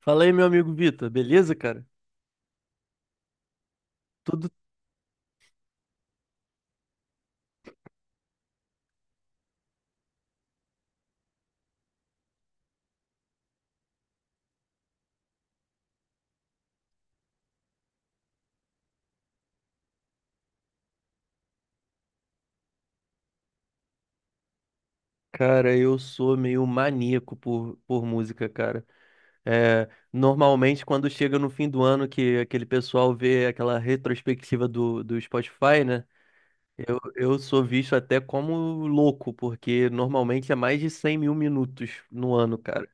Fala aí, meu amigo Vitor, beleza, cara? Tudo. Cara, eu sou meio maníaco por música, cara. É, normalmente, quando chega no fim do ano, que aquele pessoal vê aquela retrospectiva do Spotify, né? Eu sou visto até como louco, porque normalmente é mais de 100.000 minutos no ano, cara.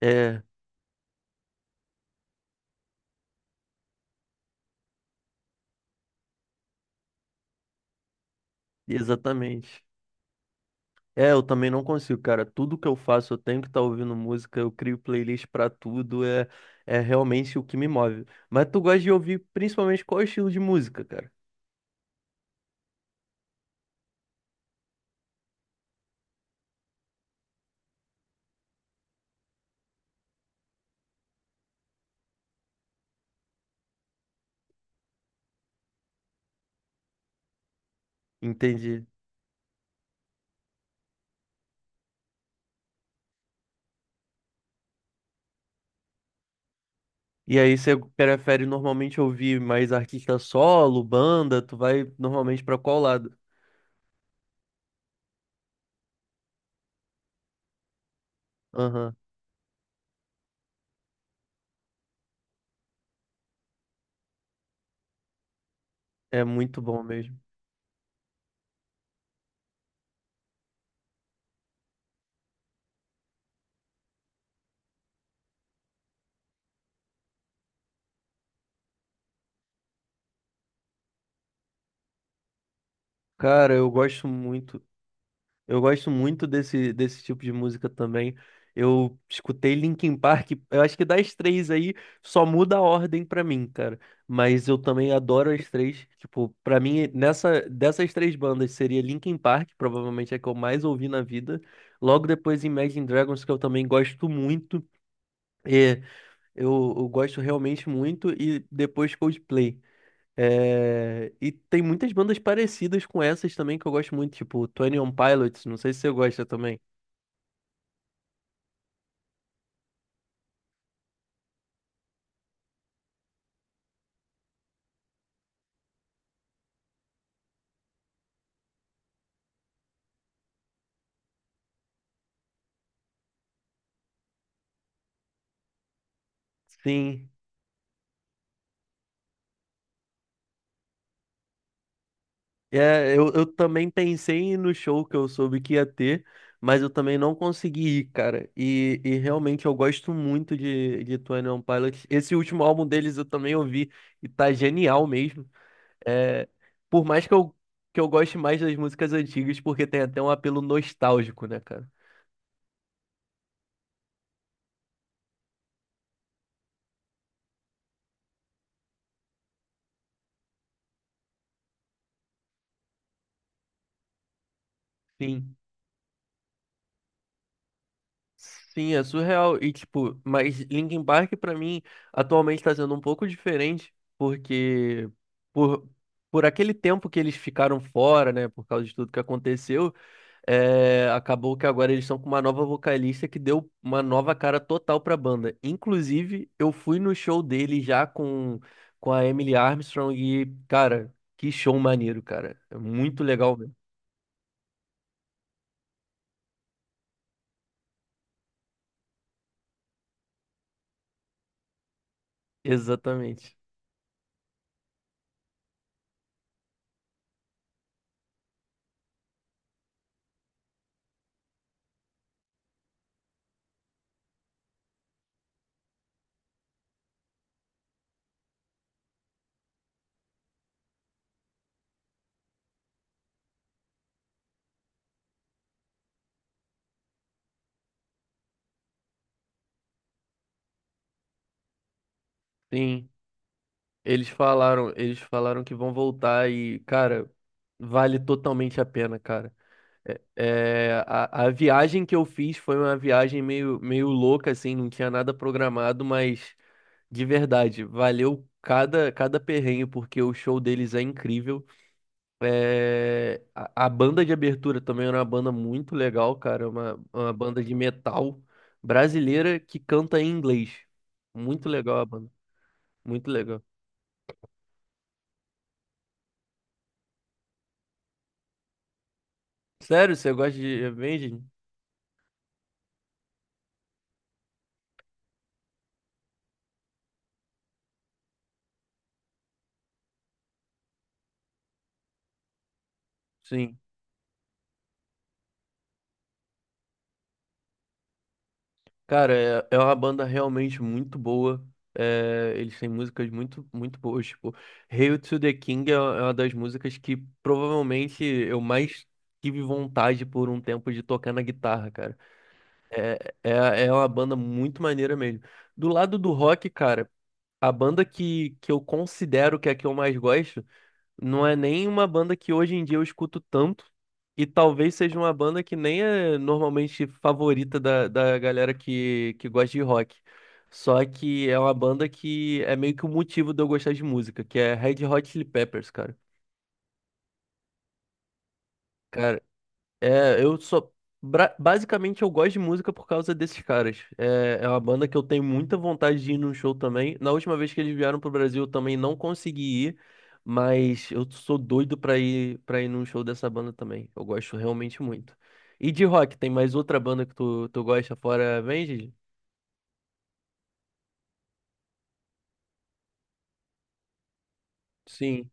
É, exatamente. É, eu também não consigo, cara. Tudo que eu faço, eu tenho que estar ouvindo música, eu crio playlist pra tudo, é, é realmente o que me move. Mas tu gosta de ouvir principalmente qual estilo de música, cara? Entendi. E aí você prefere normalmente ouvir mais artista solo, banda? Tu vai normalmente pra qual lado? Aham. É muito bom mesmo. Cara, eu gosto muito. Eu gosto muito desse tipo de música também. Eu escutei Linkin Park, eu acho que das três aí só muda a ordem pra mim, cara. Mas eu também adoro as três. Tipo, pra mim, dessas três bandas seria Linkin Park, provavelmente é a que eu mais ouvi na vida. Logo depois Imagine Dragons, que eu também gosto muito. É, eu gosto realmente muito. E depois Coldplay. É, e tem muitas bandas parecidas com essas também que eu gosto muito, tipo Twenty One Pilots, não sei se você gosta também. Sim, é, eu também pensei em ir no show que eu soube que ia ter, mas eu também não consegui ir, cara. E realmente eu gosto muito de Twenty One Pilots. Esse último álbum deles eu também ouvi e tá genial mesmo. É, por mais que eu goste mais das músicas antigas, porque tem até um apelo nostálgico, né, cara? Sim. Sim, é surreal. E, tipo, mas Linkin Park, pra mim, atualmente tá sendo um pouco diferente, porque por, por aquele tempo que eles ficaram fora, né, por causa de tudo que aconteceu, é, acabou que agora eles estão com uma nova vocalista que deu uma nova cara total pra banda. Inclusive, eu fui no show dele já com a Emily Armstrong e, cara, que show maneiro, cara. É muito legal mesmo. Exatamente. Sim. Eles falaram que vão voltar e, cara, vale totalmente a pena, cara. É, é, a viagem que eu fiz foi uma viagem meio, meio louca, assim, não tinha nada programado, mas de verdade, valeu cada, cada perrengue, porque o show deles é incrível. É, a banda de abertura também era uma banda muito legal, cara, uma banda de metal brasileira que canta em inglês. Muito legal a banda, muito legal. Sério, você gosta de Avenged? Sim. Cara, é, é uma banda realmente muito boa. É, eles têm músicas muito, muito boas. Tipo, Hail to the King é uma das músicas que provavelmente eu mais tive vontade por um tempo de tocar na guitarra, cara. É, é, é uma banda muito maneira mesmo. Do lado do rock, cara, a banda que eu considero que é a que eu mais gosto. Não é nem uma banda que hoje em dia eu escuto tanto. E talvez seja uma banda que nem é normalmente favorita da galera que gosta de rock. Só que é uma banda que é meio que o motivo de eu gostar de música, que é Red Hot Chili Peppers, cara. Cara, é, eu só. Basicamente, eu gosto de música por causa desses caras. É, é uma banda que eu tenho muita vontade de ir num show também. Na última vez que eles vieram pro Brasil, eu também não consegui ir, mas eu sou doido pra ir, num show dessa banda também. Eu gosto realmente muito. E de rock, tem mais outra banda que tu gosta fora Avenged? Sim,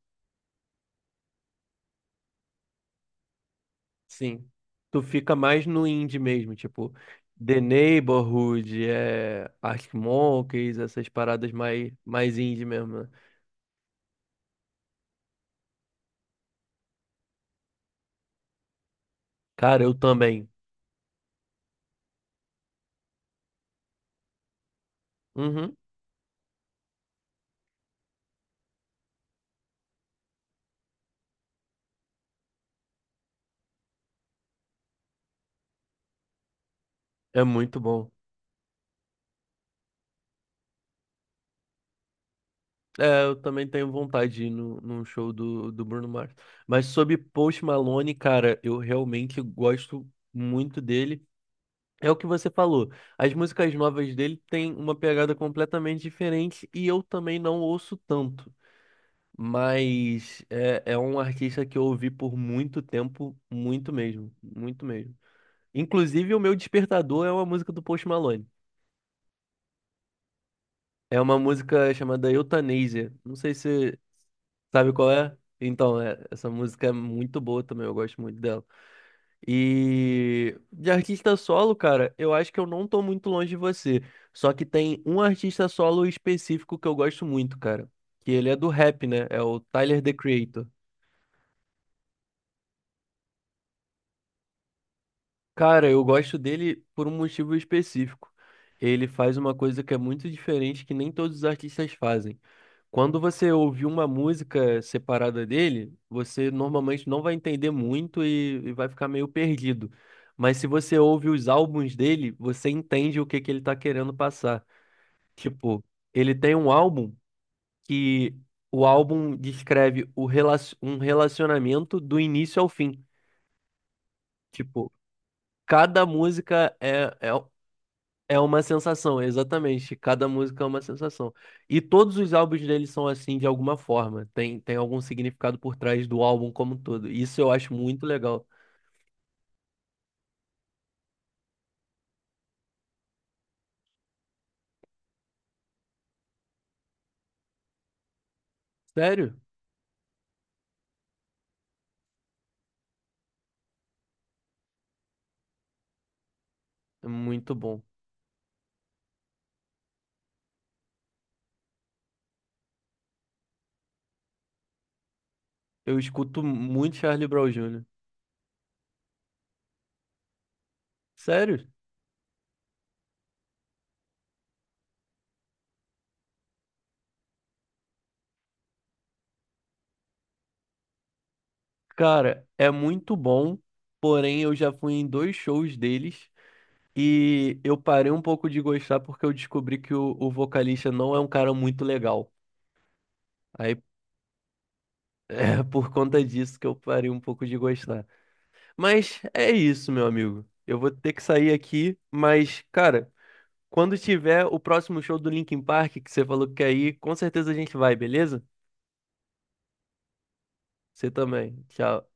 sim. Tu fica mais no indie mesmo, tipo The Neighborhood, é, Arctic Monkeys, essas paradas mais, mais indie mesmo, né? Cara, eu também. Uhum, é muito bom. É, eu também tenho vontade de ir no, num show do Bruno Mars. Mas sobre Post Malone, cara, eu realmente gosto muito dele. É o que você falou. As músicas novas dele têm uma pegada completamente diferente e eu também não ouço tanto. Mas é, é um artista que eu ouvi por muito tempo, muito mesmo, muito mesmo. Inclusive, o meu despertador é uma música do Post Malone. É uma música chamada Eutanásia. Não sei se sabe qual é. Então, é, essa música é muito boa também, eu gosto muito dela. E de artista solo, cara, eu acho que eu não tô muito longe de você. Só que tem um artista solo específico que eu gosto muito, cara. Que ele é do rap, né? É o Tyler, The Creator. Cara, eu gosto dele por um motivo específico. Ele faz uma coisa que é muito diferente que nem todos os artistas fazem. Quando você ouvir uma música separada dele, você normalmente não vai entender muito e vai ficar meio perdido. Mas se você ouve os álbuns dele, você entende o que que ele tá querendo passar. Tipo, ele tem um álbum que o álbum descreve um relacionamento do início ao fim. Tipo, cada música é é uma sensação, exatamente. Cada música é uma sensação. E todos os álbuns dele são assim de alguma forma. Tem algum significado por trás do álbum como um todo. Isso eu acho muito legal. Sério? É muito bom. Eu escuto muito Charlie Brown Jr. Sério? Cara, é muito bom. Porém, eu já fui em 2 shows deles e eu parei um pouco de gostar porque eu descobri que o vocalista não é um cara muito legal. Aí é por conta disso que eu parei um pouco de gostar. Mas é isso, meu amigo. Eu vou ter que sair aqui, mas, cara, quando tiver o próximo show do Linkin Park, que você falou que quer ir, com certeza a gente vai, beleza? Você também. Tchau.